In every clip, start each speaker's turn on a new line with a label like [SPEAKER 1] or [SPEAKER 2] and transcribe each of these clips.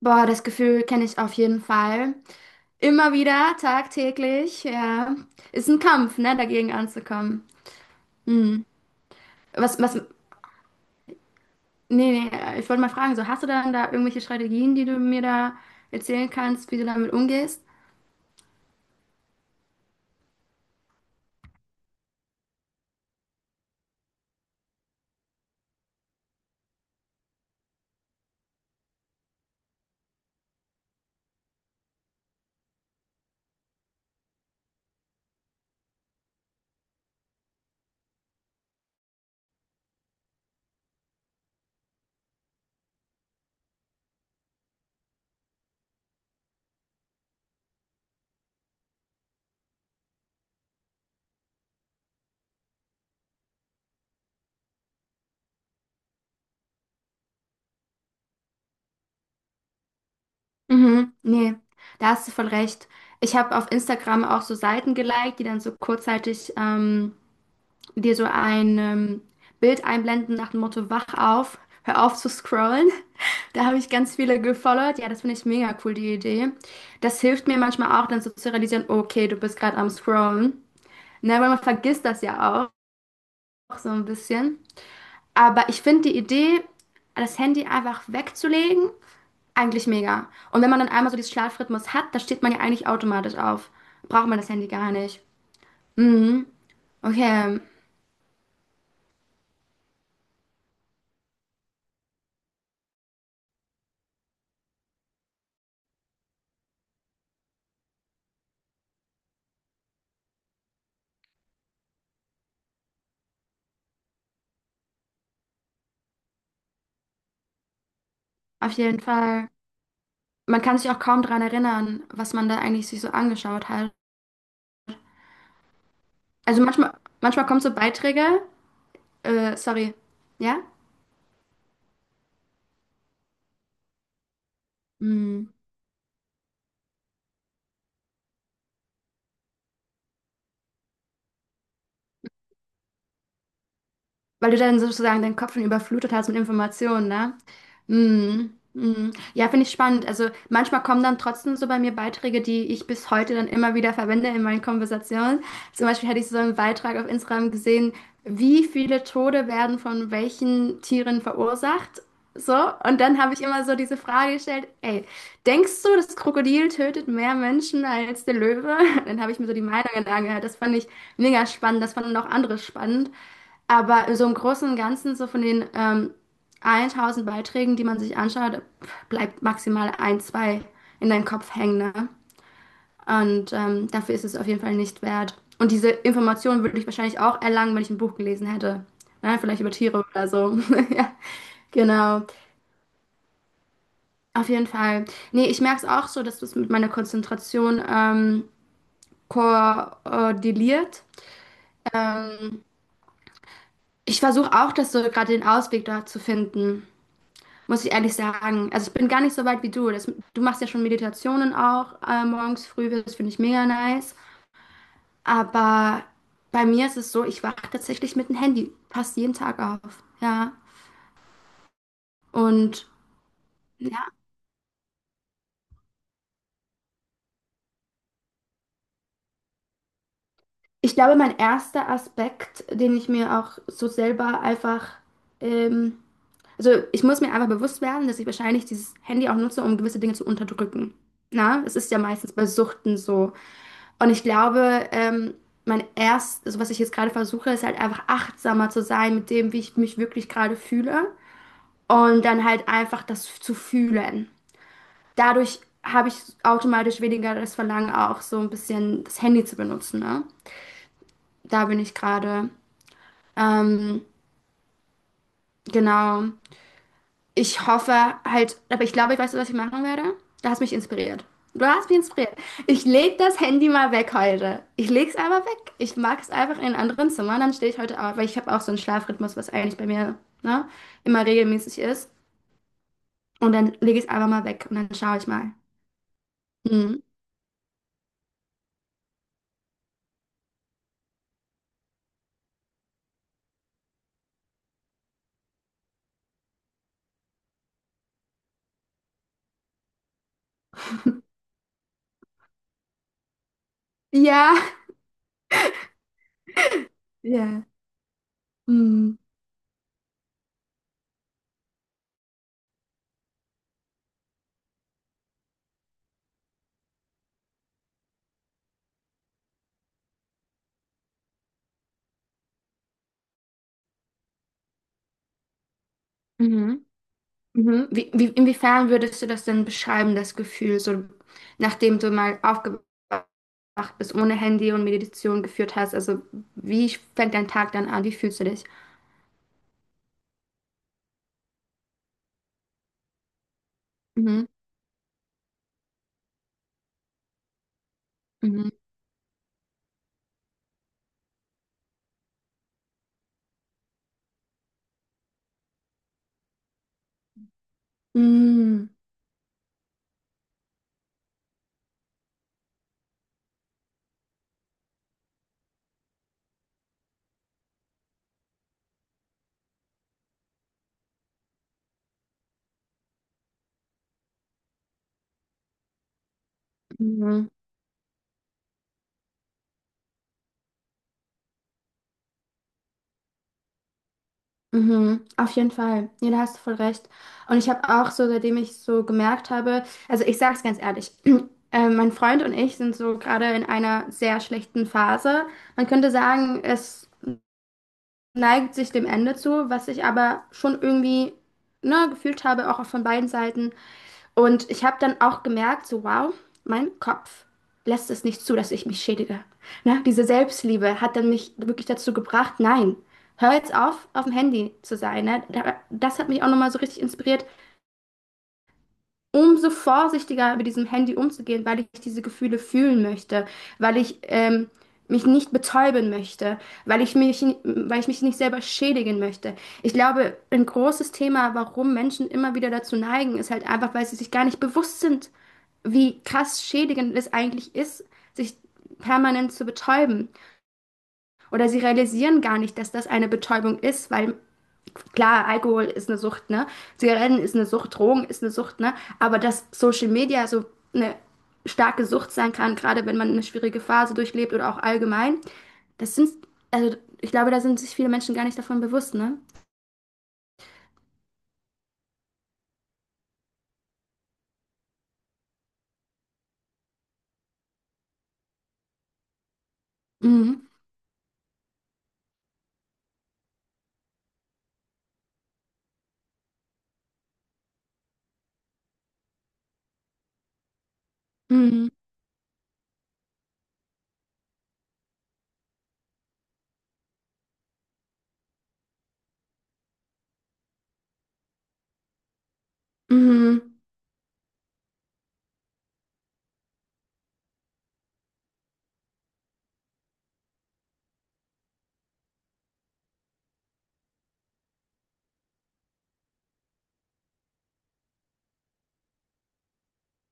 [SPEAKER 1] Boah, das Gefühl kenne ich auf jeden Fall. Immer wieder, tagtäglich, ja. Ist ein Kampf, ne, dagegen anzukommen. Hm. Was, nee, nee, ich wollte mal fragen, so hast du dann da irgendwelche Strategien, die du mir da erzählen kannst, wie du damit umgehst? Mhm, nee, da hast du voll recht. Ich habe auf Instagram auch so Seiten geliked, die dann so kurzzeitig dir so ein Bild einblenden nach dem Motto, wach auf, hör auf zu scrollen. Da habe ich ganz viele gefollowt. Ja, das finde ich mega cool, die Idee. Das hilft mir manchmal auch, dann so zu realisieren, okay, du bist gerade am Scrollen. Ne, weil man vergisst das ja auch so ein bisschen. Aber ich finde die Idee, das Handy einfach wegzulegen, eigentlich mega. Und wenn man dann einmal so diesen Schlafrhythmus hat, dann steht man ja eigentlich automatisch auf. Braucht man das Handy gar nicht. Mhm. Okay, auf jeden Fall. Man kann sich auch kaum daran erinnern, was man da eigentlich sich so angeschaut hat. Also manchmal kommen so Beiträge, sorry, ja? Mm. Weil du dann sozusagen deinen Kopf schon überflutet hast mit Informationen, ne? Mm, mm. Ja, finde ich spannend. Also manchmal kommen dann trotzdem so bei mir Beiträge, die ich bis heute dann immer wieder verwende in meinen Konversationen. Zum Beispiel hatte ich so einen Beitrag auf Instagram gesehen, wie viele Tode werden von welchen Tieren verursacht? So, und dann habe ich immer so diese Frage gestellt, ey, denkst du, das Krokodil tötet mehr Menschen als der Löwe? Dann habe ich mir so die Meinungen angehört. Das fand ich mega spannend, das fanden auch andere spannend. Aber in so im Großen und Ganzen, so von den 1000 Beiträgen, die man sich anschaut, bleibt maximal ein, zwei in deinem Kopf hängen, ne? Und dafür ist es auf jeden Fall nicht wert. Und diese Informationen würde ich wahrscheinlich auch erlangen, wenn ich ein Buch gelesen hätte. Ne? Vielleicht über Tiere oder so. Ja, genau. Auf jeden Fall. Nee, ich merke es auch so, dass das mit meiner Konzentration koordiniert. Ähm, Ich versuche auch, das so gerade den Ausweg da zu finden. Muss ich ehrlich sagen. Also ich bin gar nicht so weit wie du. Das, du machst ja schon Meditationen auch morgens früh. Das finde ich mega nice. Aber bei mir ist es so, ich wache tatsächlich mit dem Handy fast jeden Tag auf. Ja. Und ja, ich glaube, mein erster Aspekt, den ich mir auch so selber einfach, ähm, also ich muss mir einfach bewusst werden, dass ich wahrscheinlich dieses Handy auch nutze, um gewisse Dinge zu unterdrücken. Na, es ist ja meistens bei Suchten so. Und ich glaube, also was ich jetzt gerade versuche, ist halt einfach achtsamer zu sein mit dem, wie ich mich wirklich gerade fühle. Und dann halt einfach das zu fühlen. Dadurch habe ich automatisch weniger das Verlangen, auch so ein bisschen das Handy zu benutzen, ne? Da bin ich gerade. Ähm, genau. Ich hoffe halt, aber ich glaube, ich weiß, was ich machen werde. Du hast mich inspiriert. Du hast mich inspiriert. Ich leg das Handy mal weg heute. Ich leg's aber weg. Ich mag es einfach in einem anderen Zimmer. Dann stehe ich heute auf, weil ich habe auch so einen Schlafrhythmus, was eigentlich bei mir, ne, immer regelmäßig ist. Und dann lege ich es einfach mal weg und dann schaue ich mal. Hm. Ja. Ja. Hm. Mhm. Mhm. Inwiefern würdest du das denn beschreiben, das Gefühl, so nachdem du mal aufgewacht bist, ohne Handy und Meditation geführt hast? Also wie fängt dein Tag dann an? Wie fühlst du dich? Mhm. Mhm. Mhm. Mhm. Mhm. Auf jeden Fall. Ja, da hast du voll recht. Und ich habe auch so, seitdem ich so gemerkt habe, also ich sage es ganz ehrlich, mein Freund und ich sind so gerade in einer sehr schlechten Phase. Man könnte sagen, es neigt sich dem Ende zu, was ich aber schon irgendwie, ne, gefühlt habe, auch von beiden Seiten. Und ich habe dann auch gemerkt, so wow, mein Kopf lässt es nicht zu, dass ich mich schädige. Ne, diese Selbstliebe hat dann mich wirklich dazu gebracht, nein, hör jetzt auf dem Handy zu sein. Ne? Das hat mich auch nochmal so richtig inspiriert, umso vorsichtiger mit diesem Handy umzugehen, weil ich diese Gefühle fühlen möchte, weil ich mich nicht betäuben möchte, weil ich mich nicht selber schädigen möchte. Ich glaube, ein großes Thema, warum Menschen immer wieder dazu neigen, ist halt einfach, weil sie sich gar nicht bewusst sind, wie krass schädigend es eigentlich ist, sich permanent zu betäuben. Oder sie realisieren gar nicht, dass das eine Betäubung ist, weil klar, Alkohol ist eine Sucht, ne? Zigaretten ist eine Sucht, Drogen ist eine Sucht, ne? Aber dass Social Media so eine starke Sucht sein kann, gerade wenn man eine schwierige Phase durchlebt oder auch allgemein, das sind, also ich glaube, da sind sich viele Menschen gar nicht davon bewusst, ne? Mhm. Mhm. Mhm.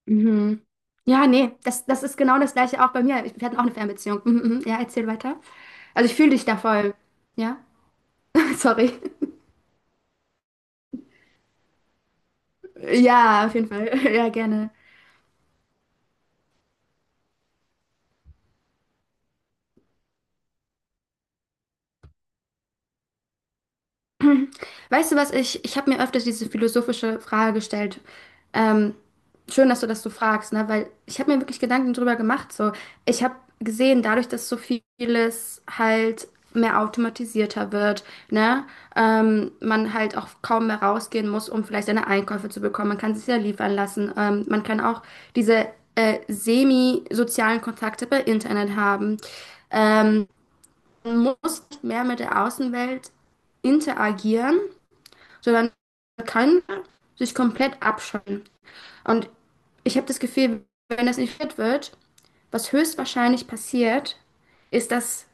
[SPEAKER 1] Mhm. Ja, nee, das ist genau das Gleiche auch bei mir. Wir hatten auch eine Fernbeziehung. Mhm, mhm. Ja, erzähl weiter. Also ich fühle dich da voll. Ja, sorry. Ja, auf jeden Fall. Ja, gerne. Weißt du was, ich habe mir öfters diese philosophische Frage gestellt. Ähm, Schön, dass du das so fragst, ne? Weil ich habe mir wirklich Gedanken drüber gemacht. So, ich habe gesehen, dadurch, dass so vieles halt mehr automatisierter wird, ne? Man halt auch kaum mehr rausgehen muss, um vielleicht seine Einkäufe zu bekommen. Man kann sich ja liefern lassen. Man kann auch diese semi-sozialen Kontakte bei Internet haben. Ähm, Man muss nicht mehr mit der Außenwelt interagieren sondern kann sich komplett abschotten. Und ich habe das Gefühl, wenn das nicht fit wird, was höchstwahrscheinlich passiert, ist, dass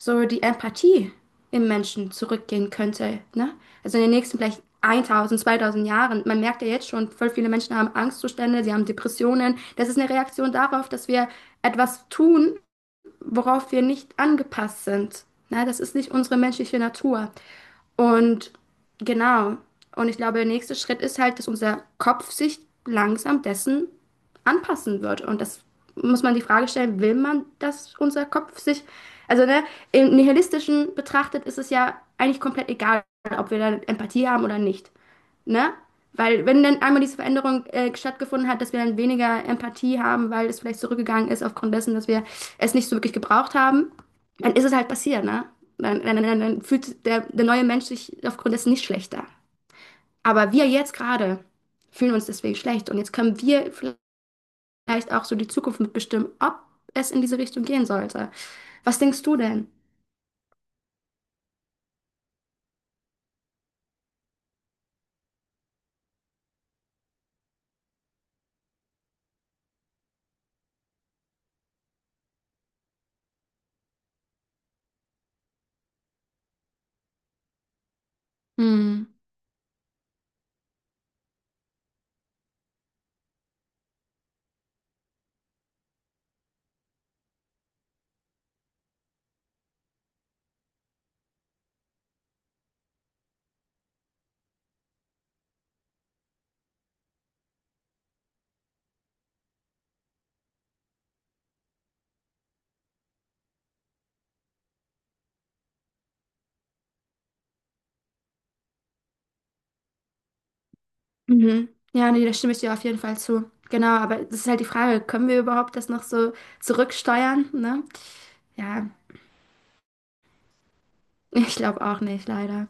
[SPEAKER 1] so die Empathie im Menschen zurückgehen könnte. Ne? Also in den nächsten vielleicht 1000, 2000 Jahren. Man merkt ja jetzt schon, voll viele Menschen haben Angstzustände, sie haben Depressionen. Das ist eine Reaktion darauf, dass wir etwas tun, worauf wir nicht angepasst sind. Na, das ist nicht unsere menschliche Natur. Und genau. Und ich glaube, der nächste Schritt ist halt, dass unser Kopf sich langsam dessen anpassen wird. Und das muss man die Frage stellen, will man, dass unser Kopf sich, also ne, im Nihilistischen betrachtet ist es ja eigentlich komplett egal, ob wir da Empathie haben oder nicht, ne? Weil wenn dann einmal diese Veränderung stattgefunden hat, dass wir dann weniger Empathie haben, weil es vielleicht zurückgegangen ist aufgrund dessen, dass wir es nicht so wirklich gebraucht haben, dann ist es halt passiert, ne? Dann fühlt der neue Mensch sich aufgrund dessen nicht schlechter. Aber wir jetzt gerade fühlen uns deswegen schlecht und jetzt können wir vielleicht auch so die Zukunft mitbestimmen, ob es in diese Richtung gehen sollte. Was denkst du denn? Hm. Mhm. Ja, nee, da stimme ich dir auf jeden Fall zu. Genau, aber das ist halt die Frage, können wir überhaupt das noch so zurücksteuern, ne? Ja, ich glaube auch nicht, leider.